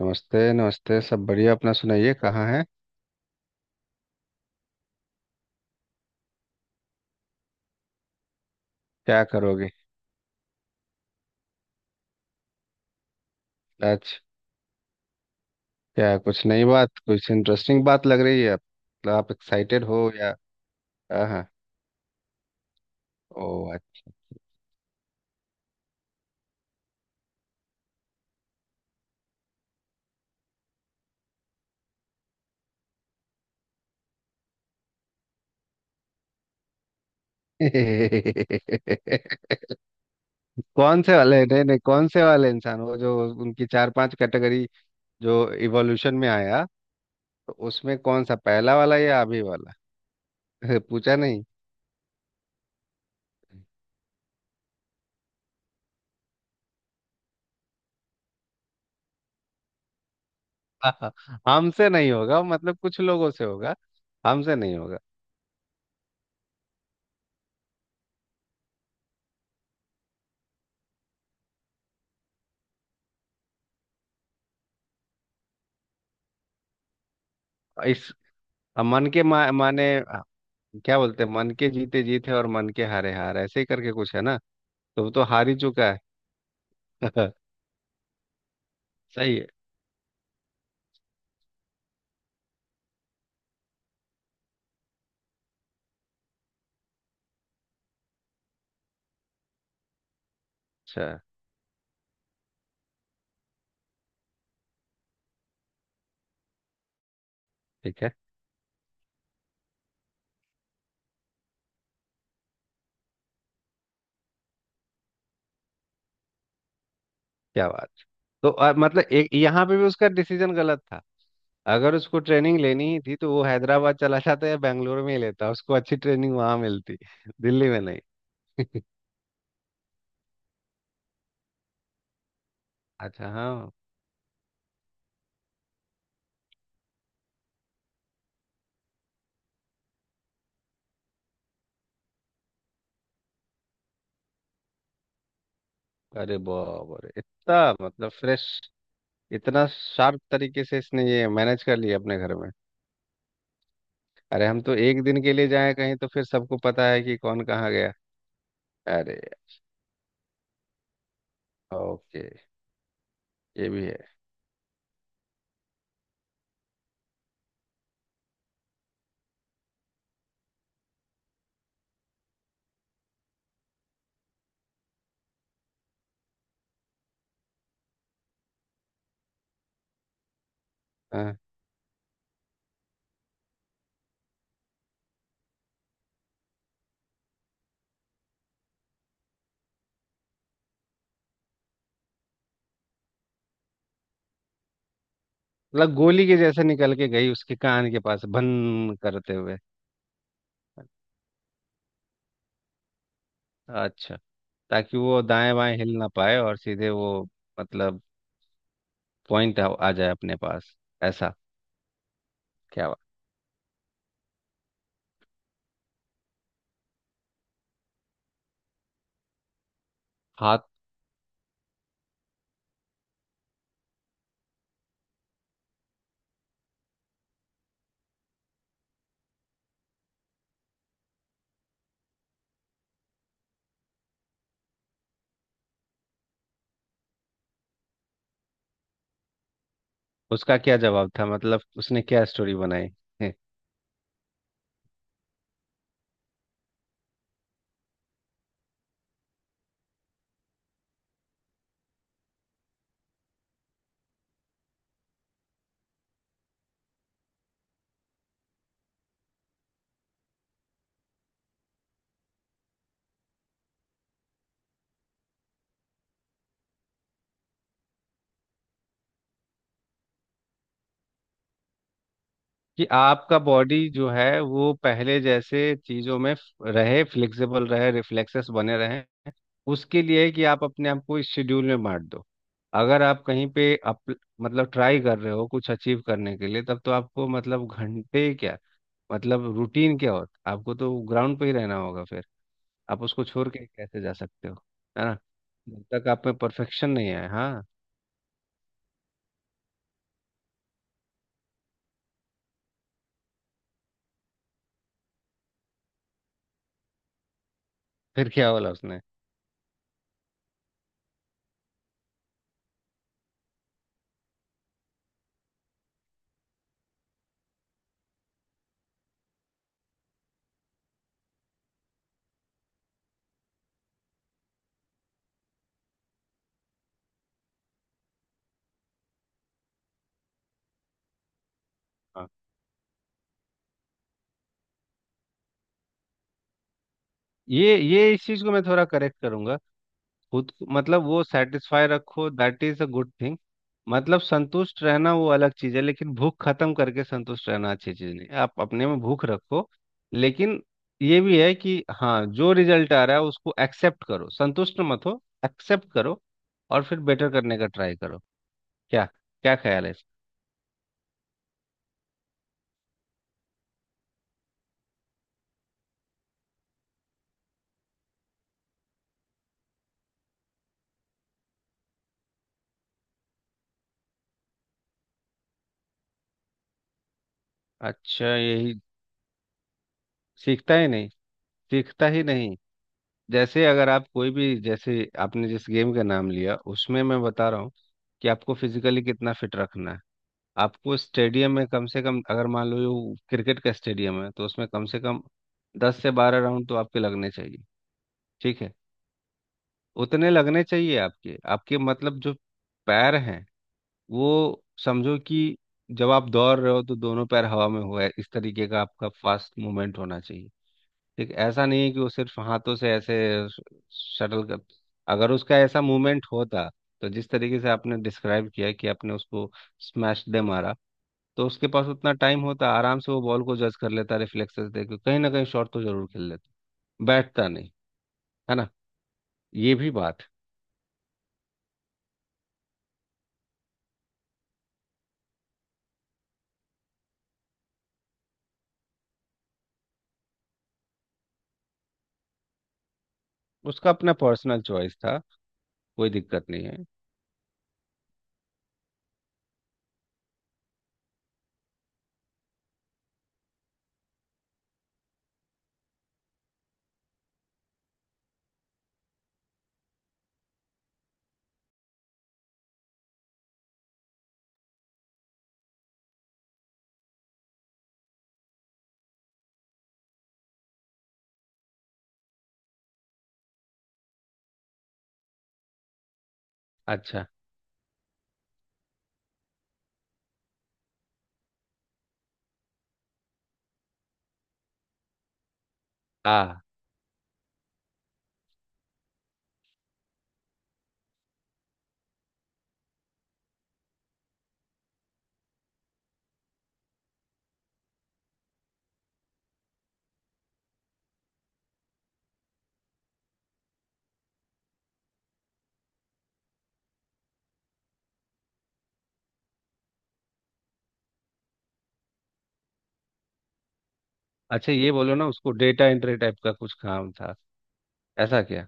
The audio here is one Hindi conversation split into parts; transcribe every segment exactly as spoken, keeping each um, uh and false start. नमस्ते, नमस्ते। सब बढ़िया। अपना सुनाइए, कहाँ है, क्या करोगे आज? क्या कुछ नई बात, कुछ इंटरेस्टिंग बात लग रही है। आप मतलब आप एक्साइटेड हो या? हाँ हाँ ओ, अच्छा। कौन से वाले? नहीं नहीं, कौन से वाले इंसान? वो जो उनकी चार पांच कैटेगरी जो इवोल्यूशन में आया, तो उसमें कौन सा, पहला वाला या अभी वाला? पूछा नहीं। हाँ, हमसे नहीं होगा, मतलब कुछ लोगों से होगा, हमसे नहीं होगा। इस मन के मा, माने क्या बोलते हैं, मन के जीते जीत है और मन के हारे हार, ऐसे ही करके कुछ है ना? तो वो तो हार ही चुका है। सही है। अच्छा। ठीक है। क्या बात! तो अ, मतलब एक यहाँ पे भी उसका डिसीजन गलत था। अगर उसको ट्रेनिंग लेनी ही थी तो वो हैदराबाद चला जाता या बेंगलोर में ही लेता, उसको अच्छी ट्रेनिंग वहां मिलती, दिल्ली में नहीं। अच्छा, हाँ। अरे बाप रे! इतना मतलब फ्रेश, इतना शार्प तरीके से इसने ये मैनेज कर लिया अपने घर में। अरे, हम तो एक दिन के लिए जाए कहीं तो फिर सबको पता है कि कौन कहाँ गया। अरे, ओके, ये भी है। हाँ। मतलब गोली के जैसे निकल के गई उसके कान के पास, भन करते हुए। अच्छा, ताकि वो दाएं बाएं हिल ना पाए और सीधे वो, मतलब पॉइंट आ, आ जाए अपने पास, ऐसा। क्या हुआ? हाथ। उसका क्या जवाब था, मतलब उसने क्या स्टोरी बनाई है? कि आपका बॉडी जो है वो पहले जैसे चीजों में फ- रहे, फ्लेक्सिबल रहे, रिफ्लेक्सेस बने रहे, उसके लिए है कि आप अपने आप को इस शेड्यूल में बांट दो। अगर आप कहीं पे अप, मतलब ट्राई कर रहे हो कुछ अचीव करने के लिए, तब तो आपको, मतलब घंटे क्या, मतलब रूटीन क्या हो, आपको तो ग्राउंड पे ही रहना होगा फिर। आप उसको छोड़ के कैसे जा सकते हो? है ना? जब तक आप में परफेक्शन नहीं आए। हाँ, फिर क्या बोला उसने? हाँ, ये ये इस चीज को मैं थोड़ा करेक्ट करूंगा। खुद को- मतलब वो सेटिस्फाई रखो, that is a good thing. मतलब संतुष्ट रहना वो अलग चीज है, लेकिन भूख खत्म करके संतुष्ट रहना अच्छी चीज नहीं है। आप अपने में भूख रखो। लेकिन ये भी है कि हाँ, जो रिजल्ट आ रहा है उसको एक्सेप्ट करो, संतुष्ट मत हो, एक्सेप्ट करो और फिर बेटर करने का ट्राई करो। क्या क्या ख्याल है इसका? अच्छा, यही। सीखता ही नहीं, सीखता ही नहीं। जैसे अगर आप कोई भी, जैसे आपने जिस गेम का नाम लिया, उसमें मैं बता रहा हूँ कि आपको फिजिकली कितना फिट रखना है। आपको स्टेडियम में कम से कम, अगर मान लो ये क्रिकेट का स्टेडियम है, तो उसमें कम से कम दस से बारह राउंड तो आपके लगने चाहिए। ठीक है? उतने लगने चाहिए आपके, आपके मतलब जो पैर हैं, वो समझो कि जब आप दौड़ रहे हो तो दोनों पैर हवा में हुआ है, इस तरीके का आपका फास्ट मूवमेंट होना चाहिए। ठीक है? ऐसा नहीं है कि वो सिर्फ हाथों से ऐसे शटल कर। अगर उसका ऐसा मूवमेंट होता, तो जिस तरीके से आपने डिस्क्राइब किया कि आपने उसको स्मैश दे मारा, तो उसके पास उतना टाइम होता, आराम से वो बॉल को जज कर लेता, रिफ्लेक्सेस देख के कहीं ना कहीं शॉट तो जरूर खेल लेता, बैठता नहीं। है ना? ये भी बात। उसका अपना पर्सनल चॉइस था, कोई दिक्कत नहीं है। अच्छा। आ, अच्छा, ये बोलो ना, उसको डेटा एंट्री टाइप का कुछ काम था? ऐसा क्या?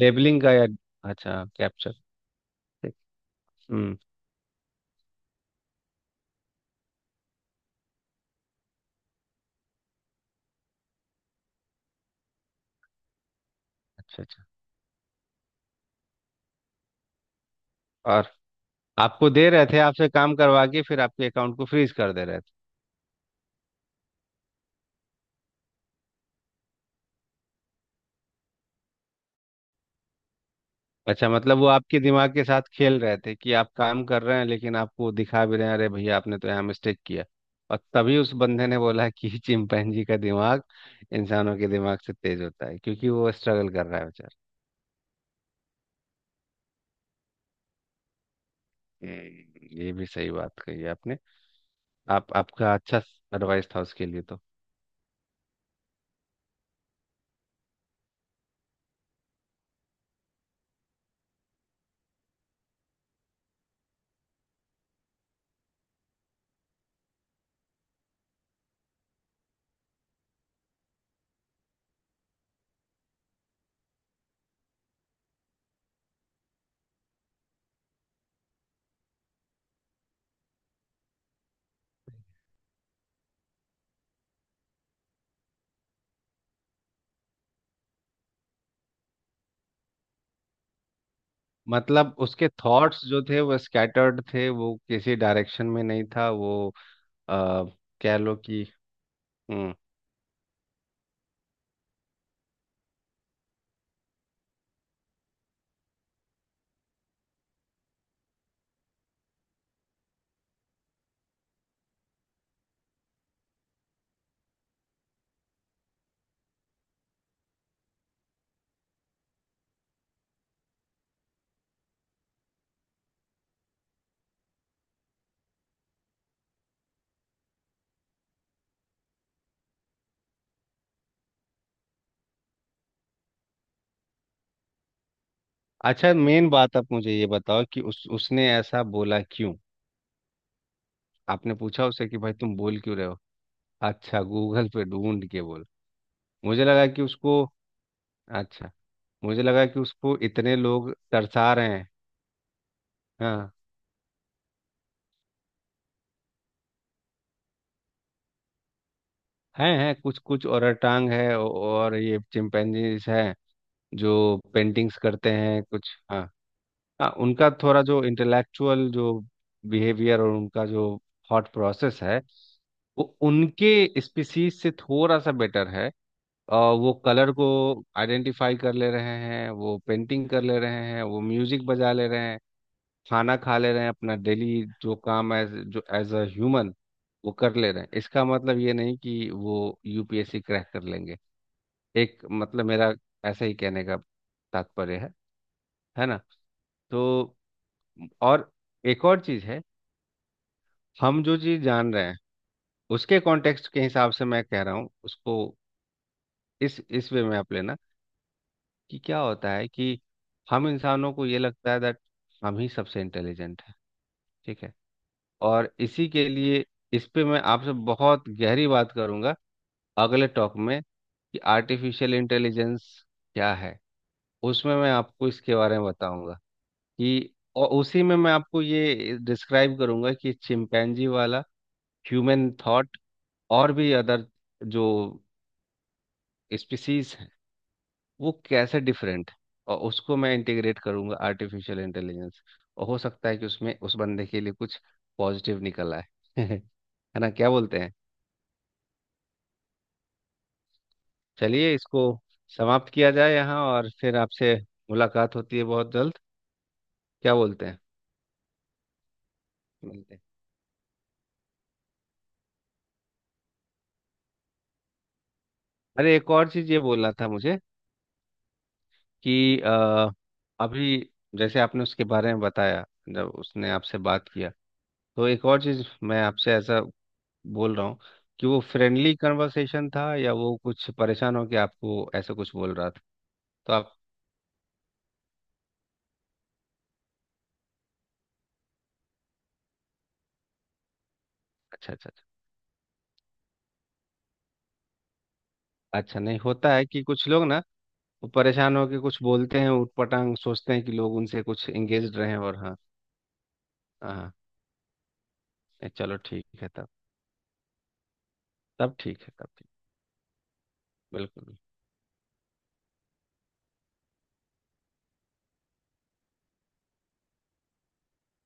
लेबलिंग का या? अच्छा, कैप्चर। हम्म। अच्छा, अच्छा। और आपको दे रहे थे, आपसे काम करवा के फिर आपके अकाउंट को फ्रीज कर दे रहे थे। अच्छा, मतलब वो आपके दिमाग के साथ खेल रहे थे कि आप काम कर रहे हैं लेकिन आपको दिखा भी रहे हैं अरे भैया आपने तो यहाँ मिस्टेक किया, और तभी उस बंदे ने बोला कि चिंपैंजी का दिमाग इंसानों के दिमाग से तेज होता है, क्योंकि वो स्ट्रगल कर रहा है बेचारा। हम्म, ये भी सही बात कही आपने। आप आपका अच्छा एडवाइस था उसके लिए तो। मतलब उसके थॉट्स जो थे वो स्कैटर्ड थे, वो किसी डायरेक्शन में नहीं था वो, आ, कह लो कि। हम्म। अच्छा, मेन बात आप मुझे ये बताओ कि उस उसने ऐसा बोला क्यों? आपने पूछा उससे कि भाई तुम बोल क्यों रहे हो? अच्छा, गूगल पे ढूंढ के बोल। मुझे लगा कि उसको, अच्छा। मुझे लगा कि उसको इतने लोग तरसा रहे हैं। हाँ। हैं हैं कुछ कुछ ओरांग है और ये चिंपैंजीज हैं जो पेंटिंग्स करते हैं कुछ, हाँ। हाँ, उनका थोड़ा जो इंटेलेक्चुअल जो बिहेवियर और उनका जो थॉट प्रोसेस है, वो उनके स्पीसीज से थोड़ा सा बेटर है। और वो कलर को आइडेंटिफाई कर ले रहे हैं, वो पेंटिंग कर ले रहे हैं, वो म्यूजिक बजा ले रहे हैं, खाना खा ले रहे हैं अपना डेली, जो काम एज जो एज अ ह्यूमन वो कर ले रहे हैं। इसका मतलब ये नहीं कि वो U P S C crack कर लेंगे। एक, मतलब मेरा ऐसा ही कहने का तात्पर्य है। है ना? तो, और एक और चीज़ है, हम जो चीज़ जान रहे हैं उसके कॉन्टेक्स्ट के हिसाब से मैं कह रहा हूँ उसको, इस इस वे में आप लेना। कि क्या होता है कि हम इंसानों को ये लगता है दैट हम ही सबसे इंटेलिजेंट है। ठीक है? और इसी के लिए, इस पे मैं आपसे बहुत गहरी बात करूंगा अगले टॉक में, कि आर्टिफिशियल इंटेलिजेंस क्या है, उसमें मैं आपको इसके बारे में बताऊंगा कि, और उसी में मैं आपको ये डिस्क्राइब करूंगा कि चिंपैंजी वाला ह्यूमन थॉट और भी अदर जो स्पीसीज, वो कैसे डिफरेंट, और उसको मैं इंटीग्रेट करूंगा आर्टिफिशियल इंटेलिजेंस। और हो सकता है कि उसमें उस बंदे के लिए कुछ पॉजिटिव निकल आए। है ना, क्या बोलते हैं? चलिए, इसको समाप्त किया जाए यहाँ, और फिर आपसे मुलाकात होती है बहुत जल्द। क्या बोलते हैं? मिलते हैं। अरे, एक और चीज़ ये बोलना था मुझे कि अ, अभी जैसे आपने उसके बारे में बताया, जब उसने आपसे बात किया, तो एक और चीज़ मैं आपसे ऐसा बोल रहा हूँ कि वो फ्रेंडली कन्वर्सेशन था या वो कुछ परेशान हो के आपको ऐसा कुछ बोल रहा था? तो आप, अच्छा, अच्छा, अच्छा। अच्छा, नहीं होता है कि कुछ लोग ना, वो परेशान होके कुछ बोलते हैं, ऊटपटांग सोचते हैं कि लोग उनसे कुछ एंगेज रहे हैं? और हाँ। हाँ। हाँ, चलो ठीक है तब। तब ठीक है, तब ठीक। बिल्कुल बिल्कुल।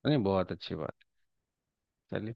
नहीं, बहुत अच्छी बात। चलिए।